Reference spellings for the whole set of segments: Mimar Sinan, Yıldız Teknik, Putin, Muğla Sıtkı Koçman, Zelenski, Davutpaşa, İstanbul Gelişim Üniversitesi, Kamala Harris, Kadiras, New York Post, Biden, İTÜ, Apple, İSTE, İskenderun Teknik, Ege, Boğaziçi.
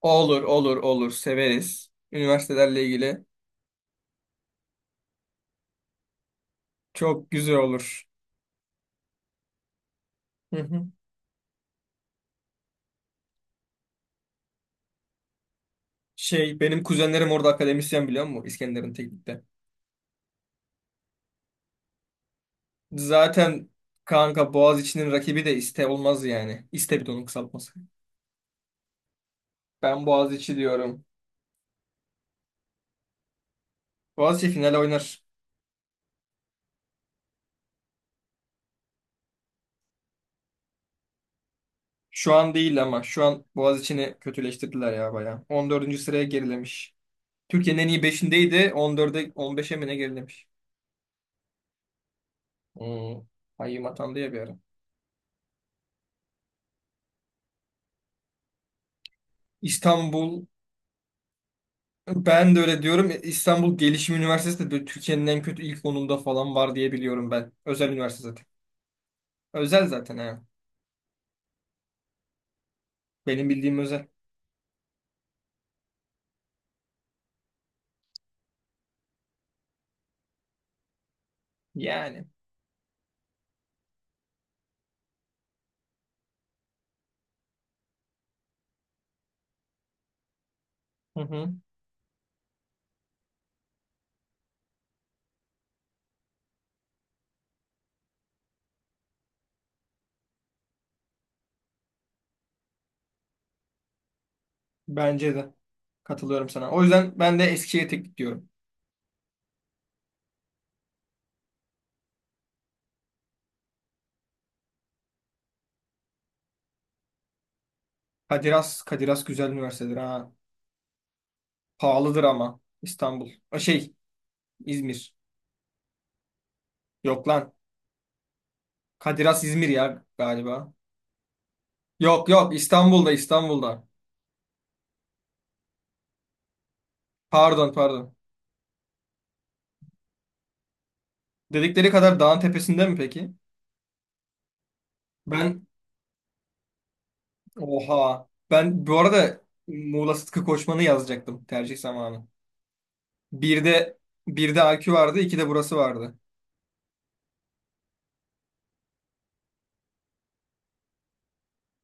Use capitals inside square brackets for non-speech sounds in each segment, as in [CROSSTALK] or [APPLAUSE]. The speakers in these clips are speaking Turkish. Olur, olur, olur. Severiz. Üniversitelerle ilgili çok güzel olur. Hı hı. Şey, benim kuzenlerim orada akademisyen biliyor musun? İskenderun Teknik'te. Zaten kanka Boğaziçi'nin rakibi de İSTE olmaz yani. İSTE bir de onun kısaltması. Ben Boğaziçi diyorum. Boğaziçi finale oynar. Şu an değil ama şu an Boğaziçi'ni kötüleştirdiler ya bayağı. 14. sıraya gerilemiş. Türkiye'nin en iyi 5'indeydi. 14'e 15'e mi ne gerilemiş? Hmm. Hayyim atandı ya bir ara. İstanbul Ben de öyle diyorum. İstanbul Gelişim Üniversitesi de böyle Türkiye'nin en kötü ilk onunda falan var diye biliyorum ben. Özel üniversite zaten. Özel zaten ha. Benim bildiğim özel. Yani. Hı hı. Bence de. Katılıyorum sana. O yüzden ben de Eskişehir'e tek diyorum. Kadiras güzel üniversitedir ha. Pahalıdır ama İstanbul. O şey İzmir. Yok lan. Kadiras İzmir ya galiba. Yok yok, İstanbul'da İstanbul'da. Pardon, pardon. Dedikleri kadar dağın tepesinde mi peki? Ben Oha. Ben bu arada Muğla Sıtkı Koçman'ı yazacaktım tercih zamanı. Bir de bir de AQ vardı, iki de burası vardı.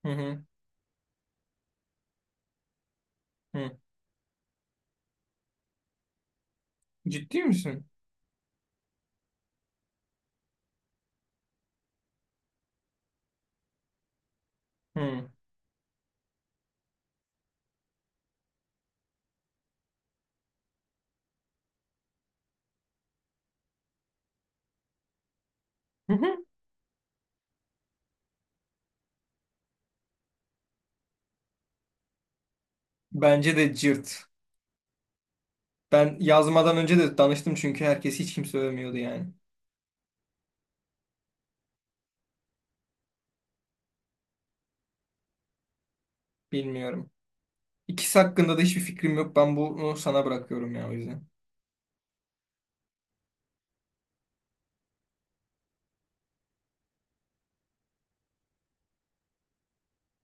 Hı hı. Hı. Ciddi misin? Hı. Hı hı. Bence de cırt. Ben yazmadan önce de danıştım çünkü herkes hiç kimse övmüyordu yani. Bilmiyorum. İkisi hakkında da hiçbir fikrim yok. Ben bunu sana bırakıyorum ya o yüzden.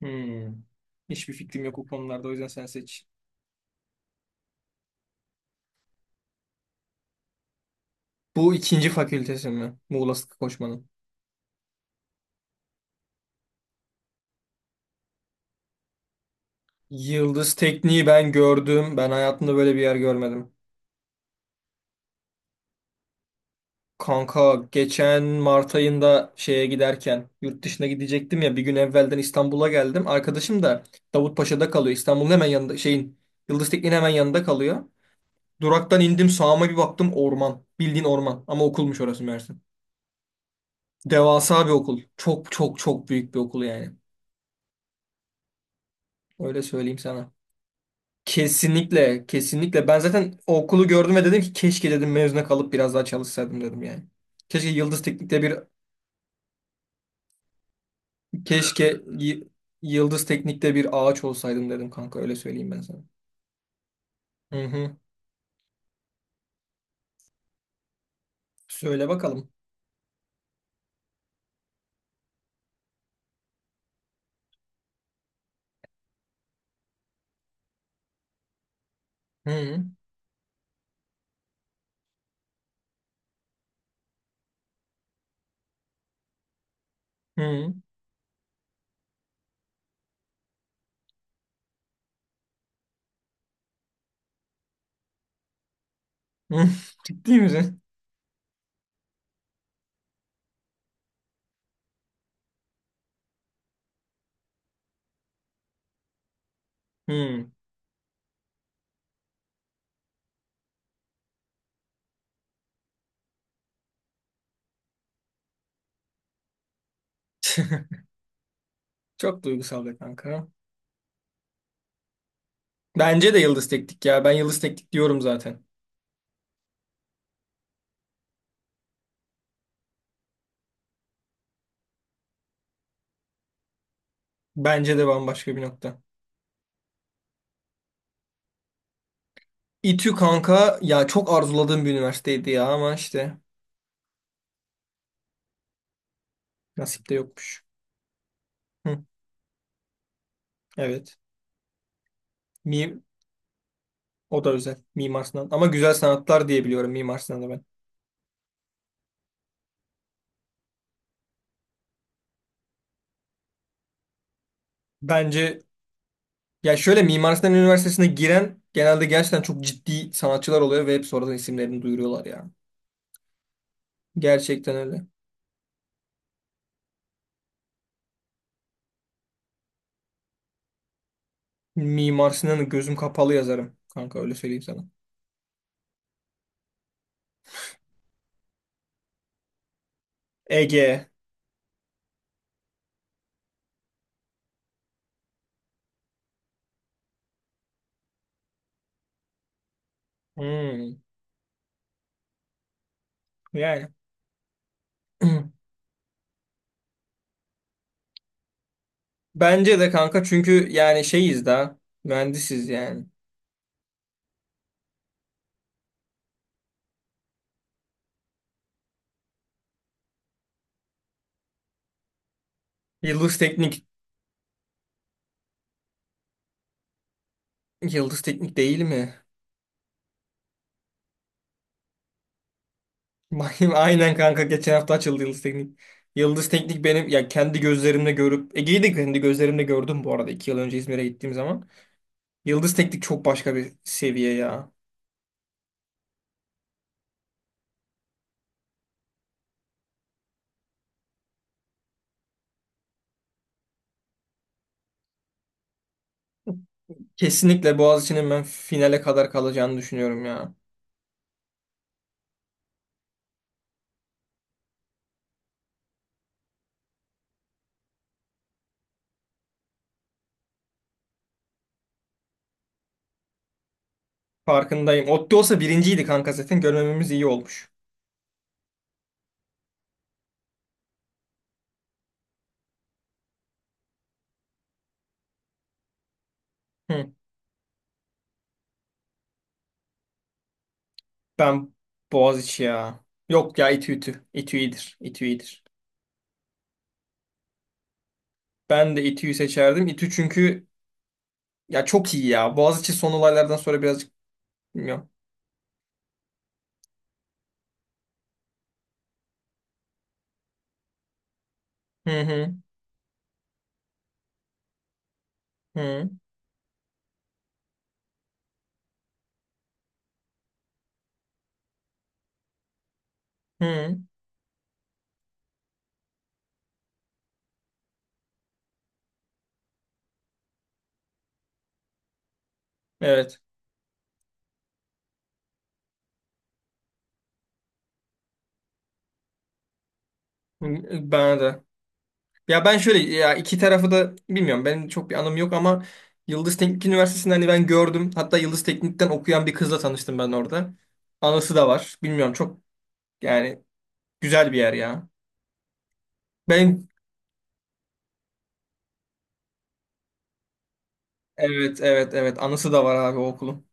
Hı. Hiçbir fikrim yok o konularda o yüzden sen seç. Bu ikinci fakültesi mi? Muğla Sıtkı Koçman'ın. Yıldız tekniği ben gördüm. Ben hayatımda böyle bir yer görmedim. Kanka geçen Mart ayında şeye giderken yurt dışına gidecektim ya bir gün evvelden İstanbul'a geldim. Arkadaşım da Davutpaşa'da kalıyor. İstanbul'un hemen yanında şeyin Yıldız Tekniği'nin hemen yanında kalıyor. Duraktan indim sağıma bir baktım orman. Bildiğin orman ama okulmuş orası Mersin. Devasa bir okul. Çok çok çok büyük bir okul yani. Öyle söyleyeyim sana. Kesinlikle, kesinlikle. Ben zaten o okulu gördüm ve dedim ki keşke dedim mezuna kalıp biraz daha çalışsaydım dedim yani. Keşke Yıldız Teknik'te bir keşke Y- Yıldız Teknik'te bir ağaç olsaydım dedim kanka öyle söyleyeyim ben sana. Hı hı. Söyle bakalım. Hı hı. Hı hı. [LAUGHS] Ciddi misin? Hı. [LAUGHS] Çok duygusal be kanka. Bence de Yıldız Teknik ya. Ben Yıldız Teknik diyorum zaten. Bence de bambaşka bir nokta. İTÜ kanka ya çok arzuladığım bir üniversiteydi ya ama işte nasip de yokmuş. Hı. Evet. Mi O da özel. Mimar Sinan. Ama güzel sanatlar diye biliyorum Mimar Sinan'ı ben. Bence Ya şöyle Mimar Sinan Üniversitesi'ne giren genelde gerçekten çok ciddi sanatçılar oluyor ve hep sonradan isimlerini duyuruyorlar ya. Gerçekten öyle. Mimar Sinan'ı gözüm kapalı yazarım. Kanka öyle söyleyeyim sana. Ege. Hmm, yani. [CLEARS THROAT] Bence de kanka çünkü yani şeyiz daha. Mühendisiz yani. Yıldız Teknik. Yıldız Teknik değil mi? Bakayım aynen kanka geçen hafta açıldı Yıldız Teknik. Yıldız Teknik benim ya kendi gözlerimle görüp Ege'yi de kendi gözlerimle gördüm bu arada 2 yıl önce İzmir'e gittiğim zaman. Yıldız Teknik çok başka bir seviye ya. Kesinlikle Boğaziçi'nin ben finale kadar kalacağını düşünüyorum ya. Farkındayım. Otti olsa birinciydi kanka zaten görmememiz iyi olmuş. Hı. Ben Boğaziçi ya. Yok ya, İTÜ. İTÜ iyidir. İTÜ iyidir. Ben de İTÜ'yü seçerdim. İTÜ çünkü ya çok iyi ya. Boğaziçi son olaylardan sonra birazcık bilmiyorum. Hı hı. Hı. Hı, evet. Bana da. Ya ben şöyle ya iki tarafı da bilmiyorum. Benim çok bir anım yok ama Yıldız Teknik Üniversitesi'nde hani ben gördüm. Hatta Yıldız Teknik'ten okuyan bir kızla tanıştım ben orada. Anısı da var. Bilmiyorum çok yani güzel bir yer ya. Ben evet, evet, evet, anısı da var abi o okulun.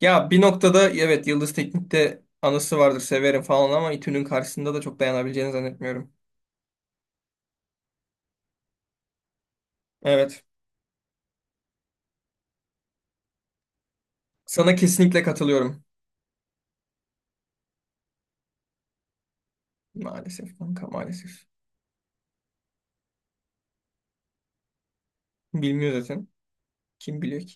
Ya bir noktada evet Yıldız Teknik'te anısı vardır severim falan ama İTÜ'nün karşısında da çok dayanabileceğini zannetmiyorum. Evet. Sana kesinlikle katılıyorum. Maalesef kanka, maalesef. Bilmiyor zaten. Kim biliyor ki?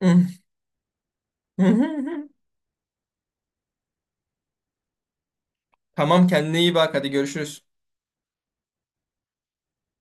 [LAUGHS] Tamam, kendine iyi bak, hadi görüşürüz.